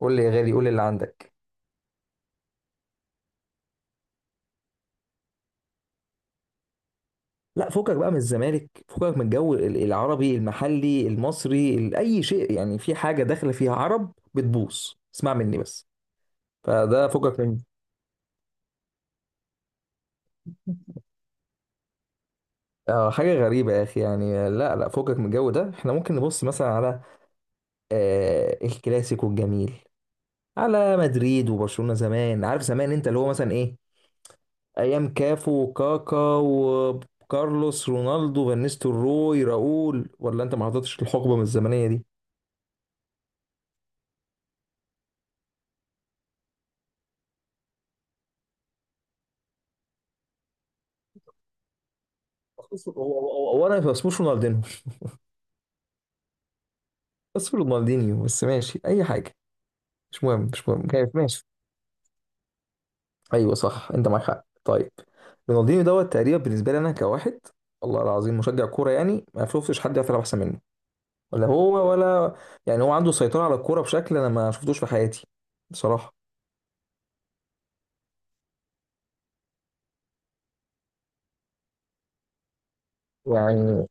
قول لي يا غالي، قول لي اللي عندك. لا، فكك بقى من الزمالك، فكك من الجو العربي المحلي المصري، اي شيء. يعني في حاجه داخله فيها عرب بتبوظ. اسمع مني بس. فده فكك من حاجه غريبه يا اخي. يعني لا لا، فكك من الجو ده. احنا ممكن نبص مثلا على الكلاسيكو الجميل، على مدريد وبرشلونه زمان. عارف زمان انت اللي هو مثلا ايه، ايام كافو وكاكا وكارلوس رونالدو فانيستو روي راؤول؟ ولا انت ما حضرتش الحقبه من الزمنيه دي؟ هو انا ما اسموش رونالدينو، بس رونالدينيو. بس ماشي، اي حاجه مش مهم، مش مهم كيف. ماشي. ايوه صح، انت معاك حق. طيب، رونالدينيو دوت تقريبا بالنسبه لي انا كواحد، والله العظيم، مشجع كوره، يعني ما شفتش حد يعرف يلعب احسن منه، ولا هو ولا. يعني هو عنده سيطره على الكوره بشكل انا ما شفتوش في حياتي، بصراحه. يعني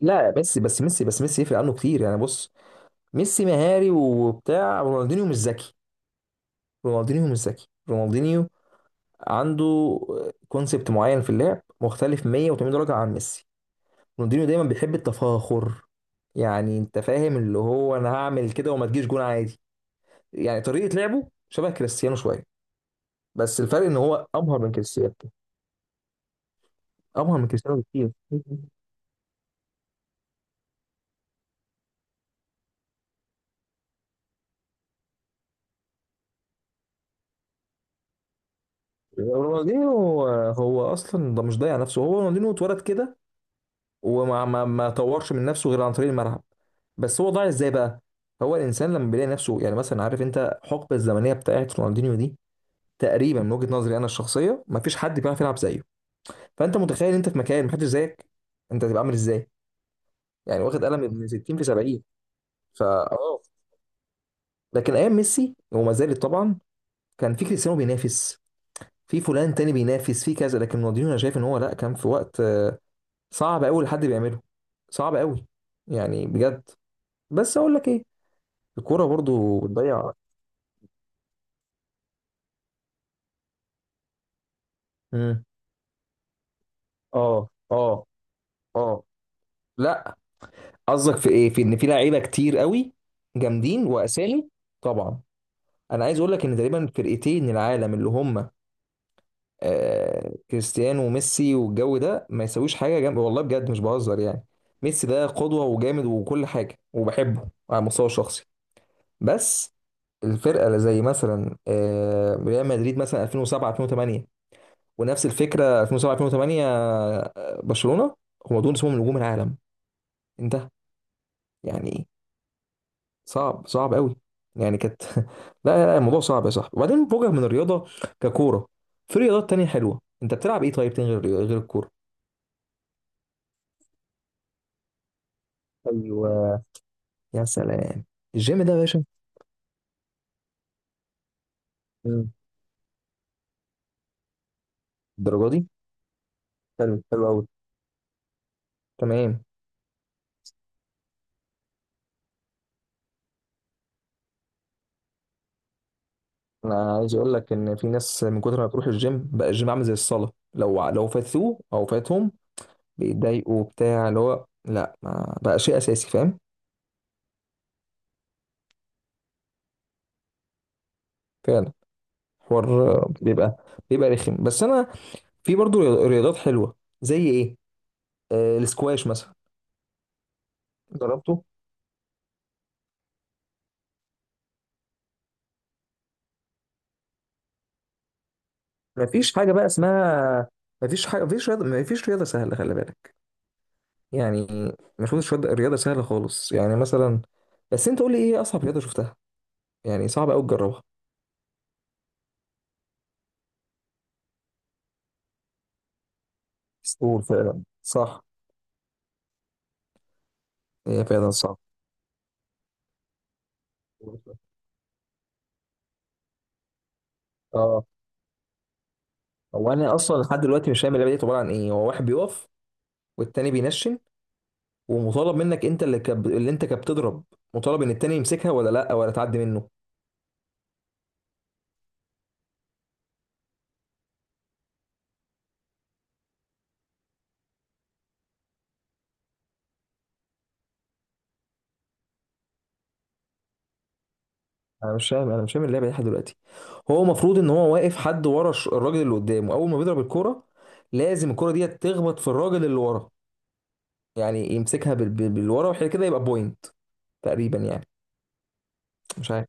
لا، ميسي، بس ميسي بس ميسي يفرق عنه كتير. يعني بص، ميسي مهاري وبتاع، رونالدينيو مش ذكي. رونالدينيو عنده كونسبت معين في اللعب، مختلف 180 درجة عن ميسي. رونالدينيو دايما بيحب التفاخر، يعني انت فاهم، اللي هو انا هعمل كده وما تجيش جون عادي. يعني طريقة لعبه شبه كريستيانو شوية، بس الفرق ان هو ابهر من كريستيانو. ابهر من كريستيانو بكتير. رونالدينيو هو اصلا ده مش ضايع نفسه، هو رونالدينيو اتولد كده، وما ما ما طورش من نفسه غير عن طريق الملعب. بس هو ضايع ازاي بقى؟ هو الانسان لما بيلاقي نفسه، يعني مثلا عارف انت الحقبه الزمنيه بتاعت رونالدينيو دي، تقريبا من وجهة نظري انا الشخصيه، مفيش حد بيعرف يلعب زيه. فانت متخيل انت في مكان محدش زيك، انت هتبقى عامل ازاي؟ يعني واخد قلم من 60 في 70. فا اه لكن ايام ميسي، وما زالت طبعا، كان في كريستيانو بينافس، في فلان تاني بينافس في كذا، لكن رونالدينيو انا شايف ان هو لا، كان في وقت صعب قوي لحد بيعمله. صعب قوي، يعني بجد. بس اقول لك ايه، الكوره برضو بتضيع. امم اه، اه، اه. لا. قصدك في ايه؟ في ان في لعيبه كتير قوي، جامدين واسامي؟ طبعا. انا عايز اقول لك ان تقريبا فرقتين العالم، اللي هم كريستيانو وميسي، والجو ده ما يسويش حاجه جنب، والله بجد مش بهزر. يعني ميسي ده قدوه، وجامد، وكل حاجه، وبحبه على المستوى الشخصي، بس الفرقه اللي زي مثلا ريال مدريد مثلا 2007 2008، ونفس الفكره 2007 2008 برشلونه، هم دول اسمهم نجوم العالم، انتهى. يعني صعب، صعب قوي، يعني كانت لا. لا لا، الموضوع صعب يا صاحبي. وبعدين فوقك من الرياضه ككوره، في رياضات تانية حلوه. انت بتلعب ايه طيب تاني، غير الكوره؟ ايوه. يا سلام، الجيم ده يا باشا. مم. الدرجه دي حلو، حلو قوي، تمام. انا عايز اقول لك ان في ناس من كتر ما بتروح الجيم بقى، الجيم عامل زي الصلاه، لو فاتوه او فاتهم بيتضايقوا، بتاع، اللي هو لا، ما بقى شيء اساسي، فاهم؟ فعلا. حوار بيبقى رخم، بس انا في برضو رياضات حلوه. زي ايه؟ السكواش مثلا. جربته. مفيش حاجه بقى اسمها، مفيش حاجه، مفيش رياضه سهله، خلي بالك. يعني مفيش رياضة سهله خالص، يعني مثلا. بس انت قول لي ايه اصعب رياضه شفتها، يعني صعب قوي تجربها؟ قول، فعلا، صح. هي فعلا صعب، اه. هو انا اصلا لحد دلوقتي مش فاهم اللعبه دي عباره عن ايه. هو واحد بيقف، والتاني بينشن، ومطالب منك انت اللي انت كبتضرب، مطالب ان التاني يمسكها ولا لا، ولا تعدي منه. انا مش فاهم اللعبه دي لحد دلوقتي. هو المفروض ان هو واقف حد ورا الراجل اللي قدامه، اول ما بيضرب الكوره لازم الكوره دي تخبط في الراجل اللي ورا. يعني يمسكها بالورا وحاجه كده، يبقى بوينت تقريبا يعني. مش عارف.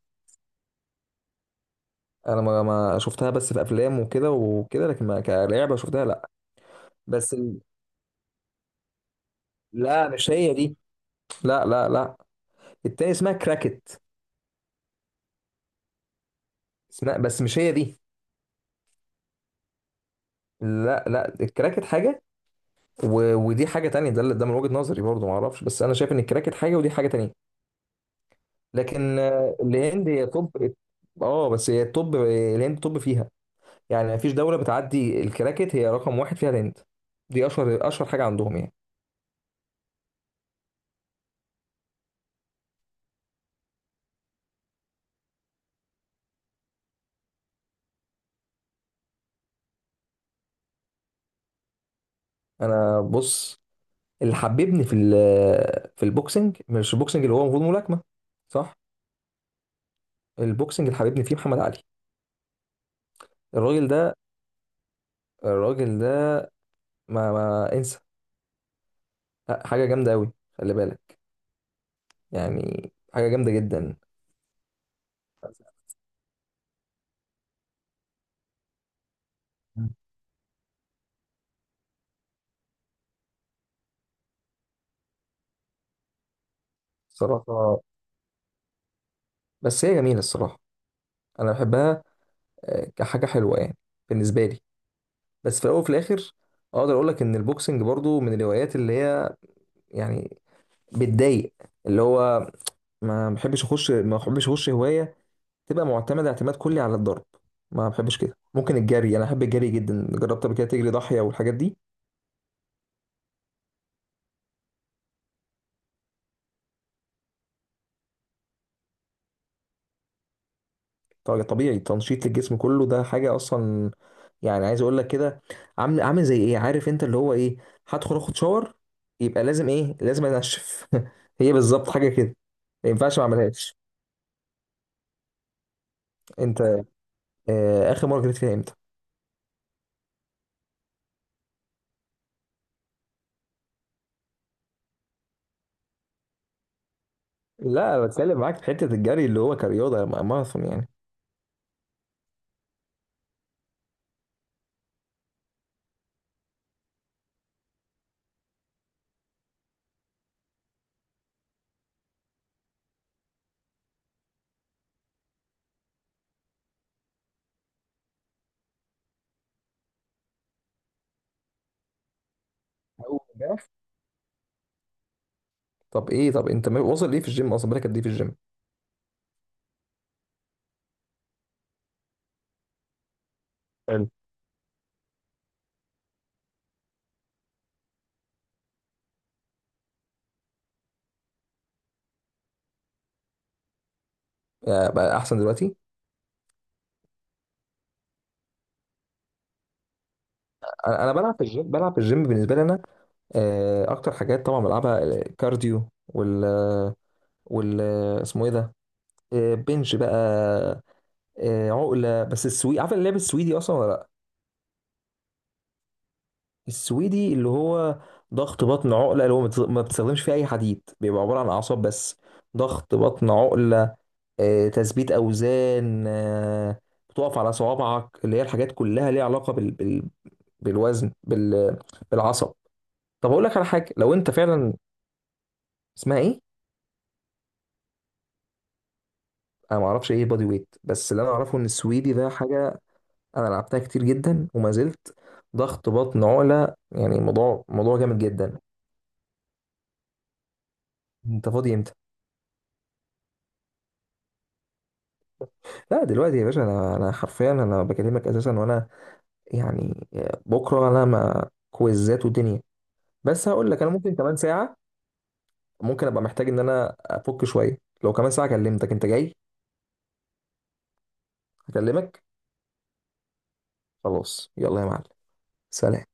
انا ما شفتها بس في افلام وكده وكده، لكن ما كلعبه شفتها، لا. بس ال- لا، مش هي دي. لا لا لا، التاني اسمها كراكت. اسمها، بس مش هي دي. لا لا، الكراكت حاجه، ودي حاجه تانية. ده ده من وجهه نظري برضه، ما اعرفش، بس انا شايف ان الكراكت حاجه، ودي حاجه تانية. لكن الهند هي توب. اه، بس هي التوب، الهند توب فيها. يعني مفيش دولة بتعدي الكراكت، هي رقم واحد فيها الهند. دي اشهر، اشهر حاجة عندهم يعني. انا بص، اللي حببني في في البوكسنج، مش البوكسنج، اللي هو المفروض ملاكمة، صح. البوكسنج اللي حببني فيه محمد علي. الراجل ده، الراجل ده ما انسى. لا، حاجة جامدة قوي، خلي بالك، يعني حاجة جامدة جدا. صراحة، بس هي جميلة الصراحة، انا بحبها كحاجة حلوة يعني، بالنسبة لي. بس في الاول وفي الاخر، اقدر اقول لك ان البوكسنج برضو من الهوايات اللي هي يعني بتضايق، اللي هو، ما بحبش اخش هوايه تبقى معتمده اعتماد كلي على الضرب. ما بحبش كده. ممكن الجري، انا احب الجري جدا. جربت قبل كده تجري ضاحيه والحاجات دي؟ طبعا، طبيعي، تنشيط للجسم كله، ده حاجه اصلا. يعني عايز اقول لك كده، عامل زي ايه؟ عارف انت اللي هو ايه، هدخل اخد شاور، يبقى لازم ايه؟ لازم انشف. هي بالظبط حاجه كده، ما ينفعش ما اعملهاش. انت اخر مره جريت فيها امتى؟ لا، أنا بتكلم معاك في حته الجري اللي هو كرياضه، ماراثون يعني. أول ده؟ طب ايه؟ طب انت واصل ليه في الجيم اصلا؟ بالك قد ايه في الجيم؟ حلو. بقى احسن دلوقتي. انا بلعب في الجيم. بالنسبه لي انا اكتر حاجات طبعا بلعبها الكارديو وال وال اسمه ايه ده، بنش بقى، عقله. بس السويدي، عارف اللعب السويدي اصلا ولا لا؟ السويدي اللي هو ضغط بطن عقله، اللي هو ما بتستخدمش فيه اي حديد، بيبقى عباره عن اعصاب بس. ضغط بطن عقله، تثبيت أوزان، بتقف على صوابعك، اللي هي الحاجات كلها ليها علاقة بالوزن، بالعصب. طب أقول لك على حاجة لو أنت فعلا. اسمها إيه؟ أنا ما أعرفش إيه بادي ويت، بس اللي أنا أعرفه إن السويدي ده حاجة أنا لعبتها كتير جدا وما زلت. ضغط بطن عقلة، يعني موضوع جامد جدا. انت فاضي امتى؟ لا دلوقتي يا باشا، انا حرفيا انا بكلمك اساسا، وانا يعني بكره انا ما كويزات ودنيا، بس هقول لك، انا ممكن كمان ساعه ممكن ابقى محتاج ان انا افك شويه. لو كمان ساعه كلمتك، انت جاي؟ هكلمك. خلاص يلا يا معلم، سلام.